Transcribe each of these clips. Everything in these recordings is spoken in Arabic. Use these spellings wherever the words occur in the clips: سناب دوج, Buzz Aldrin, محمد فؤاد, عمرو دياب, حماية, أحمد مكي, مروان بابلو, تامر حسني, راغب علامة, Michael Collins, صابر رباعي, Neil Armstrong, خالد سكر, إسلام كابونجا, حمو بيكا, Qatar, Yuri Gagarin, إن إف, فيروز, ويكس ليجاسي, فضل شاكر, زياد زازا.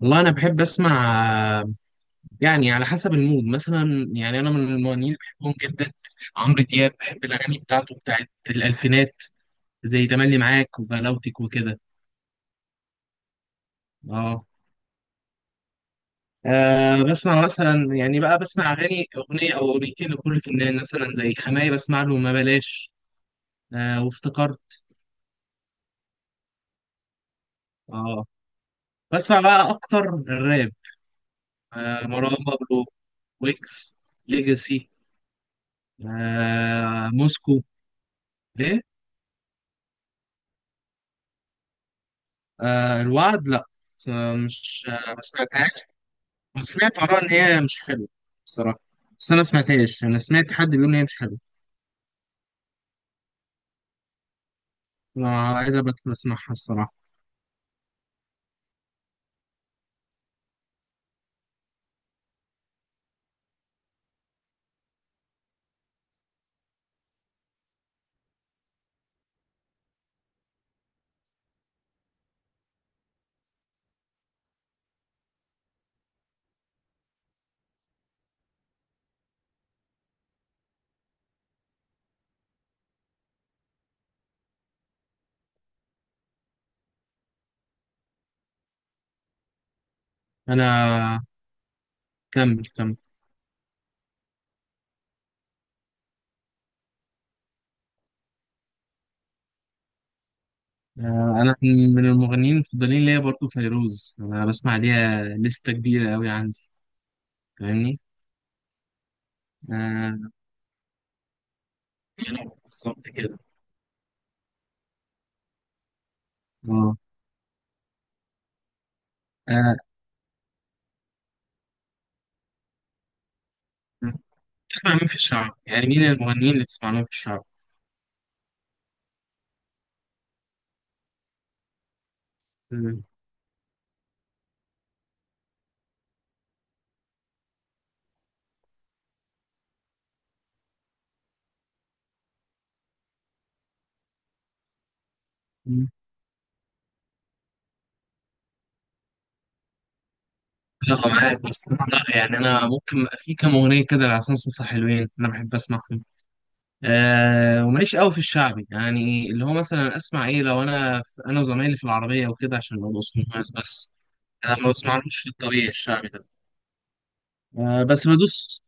والله انا بحب اسمع، آه، يعني على حسب المود. مثلا يعني انا من المغنيين اللي بحبهم جدا عمرو دياب. بحب الاغاني بتاعته، بتاعت الالفينات زي تملي معاك وبلاوتك وكده. اه بسمع مثلا، يعني بقى بسمع اغاني، اغنيه او اغنيتين لكل فنان، مثلا زي حماية بسمع له ما بلاش. آه وافتكرت. اه بسمع بقى اكتر الراب. مروان بابلو، ويكس، ليجاسي، موسكو. إيه؟ آه الوعد، لا. بس- مش، ما سمعتهاش، بس سمعت آراء إن هي مش حلوة بصراحة. بس أنا ما سمعتهاش، أنا سمعت حد بيقول إن هي مش حلوة. أنا عايز أبقى أدخل أسمعها الصراحة. أنا، كمل كمل. آه، أنا من المغنيين المفضلين ليا برضه فيروز. أنا بسمع ليها لستة كبيرة أوي عندي. فاهمني؟ آه، يعني بالظبط كده. آه، آه، تسمع مين في الشعب؟ يعني مين المغنيين اللي تسمع لهم في الشعب؟ مم. يلا معاك، بس أنا لا، يعني انا ممكن في كام اغنيه كده لعصام صاصا حلوين انا بحب اسمعهم. آه، وماليش قوي في الشعبي، يعني اللي هو مثلا اسمع ايه لو انا في، انا وزمايلي في العربيه وكده، عشان ما بوصلهمش بس. انا ما بسمعلوش في الطبيعي، الشعبي ده. آه بس بدوس.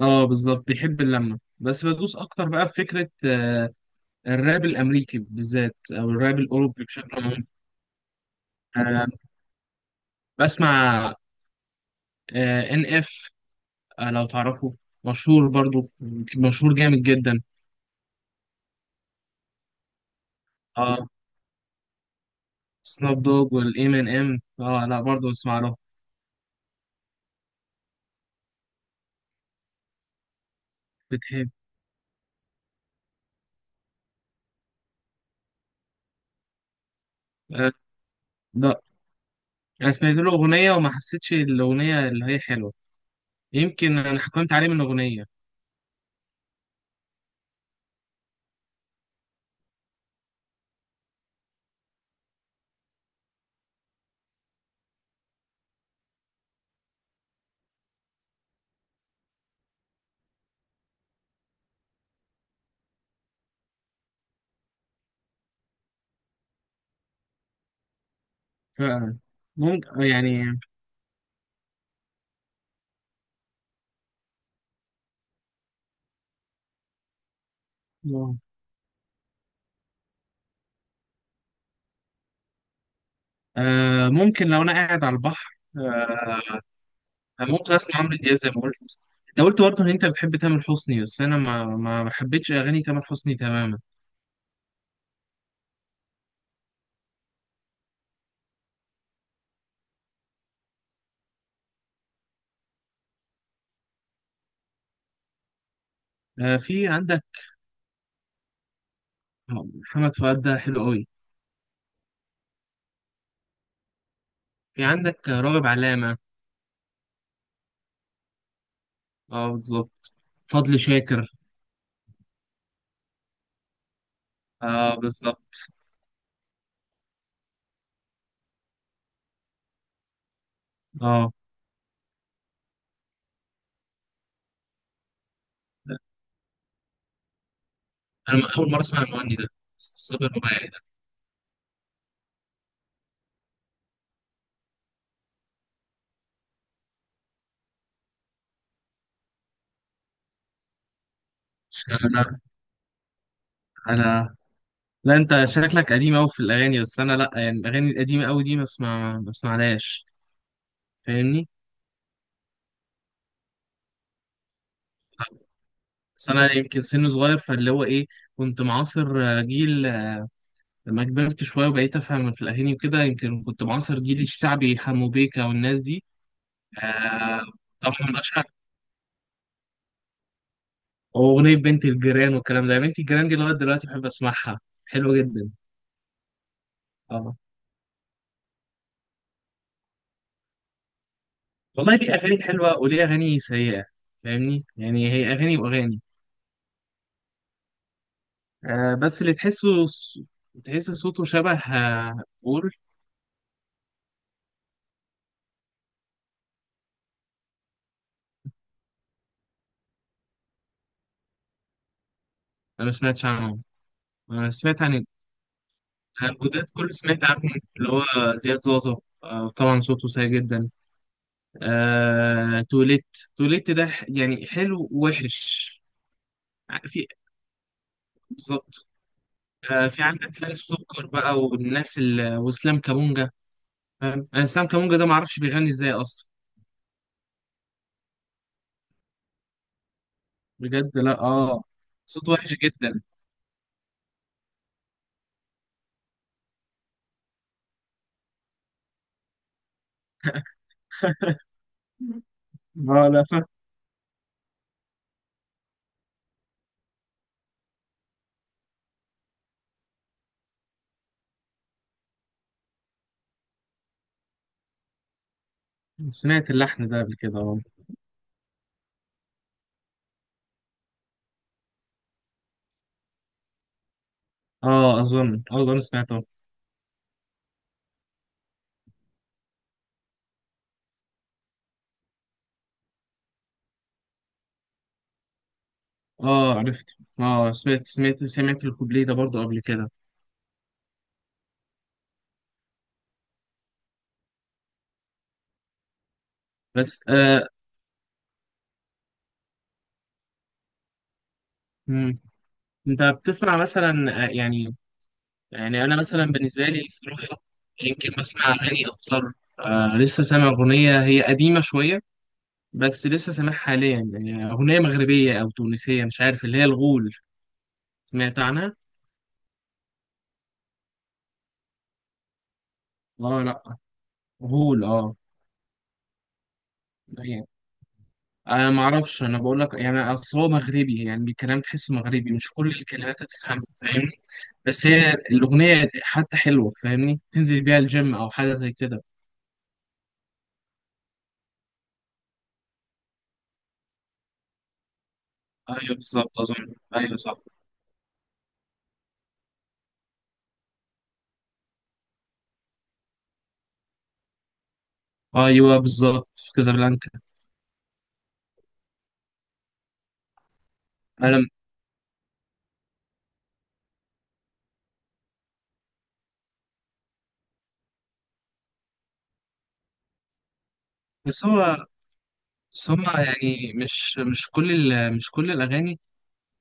اه بالظبط، بيحب اللمه بس بدوس اكتر بقى في فكره. الراب الامريكي بالذات، او الراب الاوروبي بشكل عام. آه بسمع، ان اف، لو تعرفه. مشهور برضو، مشهور جامد جدا. اه، سناب دوج، والام ان ام. اه لا، برضه بسمع له. بتحب. آه لا، انا سمعت له اغنيه وما حسيتش الاغنيه اللي هي حلوه. يمكن انا حكمت عليه من اغنيه. فعلا، ممكن يعني. آه ممكن، لو انا قاعد على البحر آه، ممكن اسمع عمرو دياب زي ما قلت. انت قلت برضه ان انت بتحب تامر حسني، بس انا ما حبيتش اغاني تامر حسني تماما. آه، في عندك محمد فؤاد ده حلو قوي. في عندك راغب علامه. اه بالظبط. فضل شاكر. اه بالظبط، اه. انا اول مره اسمع المغني ده، صابر رباعي ده. انا انا لا. انت شكلك قديم قوي في الاغاني، بس انا لا، يعني الاغاني القديمه قوي دي ما اسمعلهاش. فاهمني. بس انا يمكن سن صغير، فاللي هو ايه، كنت معاصر جيل، لما كبرت شويه وبقيت افهم في الاغاني وكده، يمكن كنت معاصر جيل الشعبي حمو بيكا والناس دي. آه طبعا، اشهر اغنيه بنت الجيران والكلام ده، بنت الجيران دي لغايه دلوقتي بحب اسمعها. حلوه جدا، اه. والله ليه اغاني حلوه وليه اغاني سيئه. فاهمني، يعني هي اغاني واغاني. آه، بس اللي تحسه تحس صوته شبه، بور. انا ما سمعتش عنه. انا سمعت عن الجداد كل، سمعت عنهم اللي هو زياد زازا. آه طبعا، صوته سيء جدا. آه توليت، توليت ده يعني حلو ووحش. في، بالظبط. آه، في عندك خالد سكر بقى، والناس واسلام كابونجا. فاهم، انا اسلام كابونجا ده ما اعرفش بيغني ازاي اصلا. بجد، لا اه. صوت وحش جدا. اه لا فا، سمعت اللحن ده قبل كده، اه. اه اظن، سمعته. اه عرفت، اه، سمعت الكوبليه ده برضو قبل كده. بس آه. مم. انت بتسمع مثلا، يعني، يعني انا مثلا بالنسبه لي الصراحه، يمكن بسمع اغاني اكثر. آه، لسه سامع اغنيه هي قديمه شويه، بس لسه سامعها حاليا، يعني اغنيه مغربيه او تونسيه مش عارف، اللي هي الغول. سمعت عنها؟ اه لا، غول اه. انا ما اعرفش، انا بقول لك يعني اصل هو مغربي، يعني الكلام تحسه مغربي، مش كل الكلمات هتفهمها، فاهمني. بس هي الاغنيه حتى حلوه، فاهمني، تنزل بيها الجيم او حاجه زي كده. ايوه بالظبط، اظن ايوه صح. ايوه بالظبط، في كازابلانكا. انا بس هو بس هما يعني مش كل مش كل الاغاني،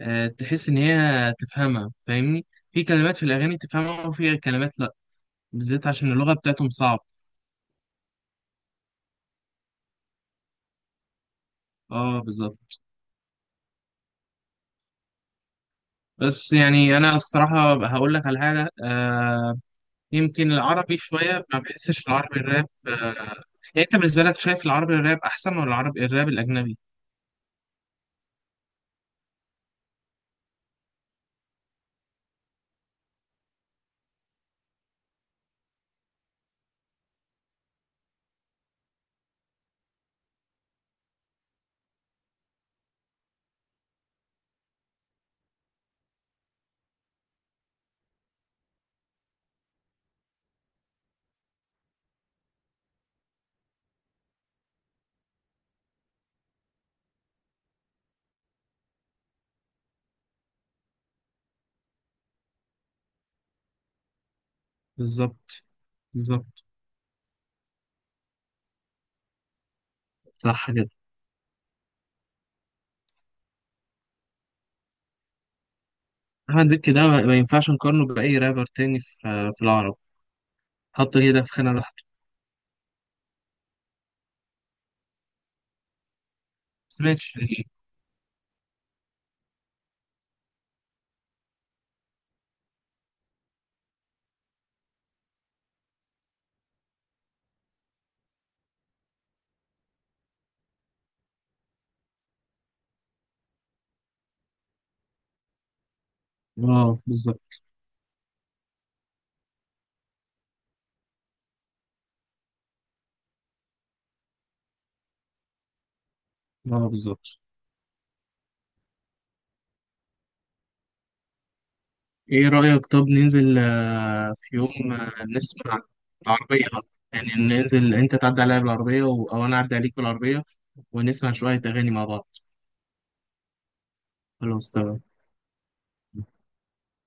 تحس ان هي تفهمها، فاهمني. في كلمات في الاغاني تفهمها، وفي كلمات لا. بالذات عشان اللغه بتاعتهم صعبه. اه بالظبط. بس يعني انا الصراحه هقول لك على حاجه، آه، يمكن العربي شويه ما بحسش، العربي الراب آه. يعني انت بالنسبه لك شايف العربي الراب احسن ولا العربي الراب الاجنبي؟ بالظبط. بالظبط. صح كده. احمد مكي ده ما ينفعش نقارنه باي رابر تاني في العرب. حط كده في خانه لوحده. ما سمعتش ليه. اه بالظبط. اه بالظبط. ايه رأيك، طب ننزل في يوم، نسمع العربية بقى. يعني ننزل انت تعدي عليا بالعربية او انا اعدي عليك بالعربية، ونسمع شوية اغاني مع بعض. خلاص، تمام.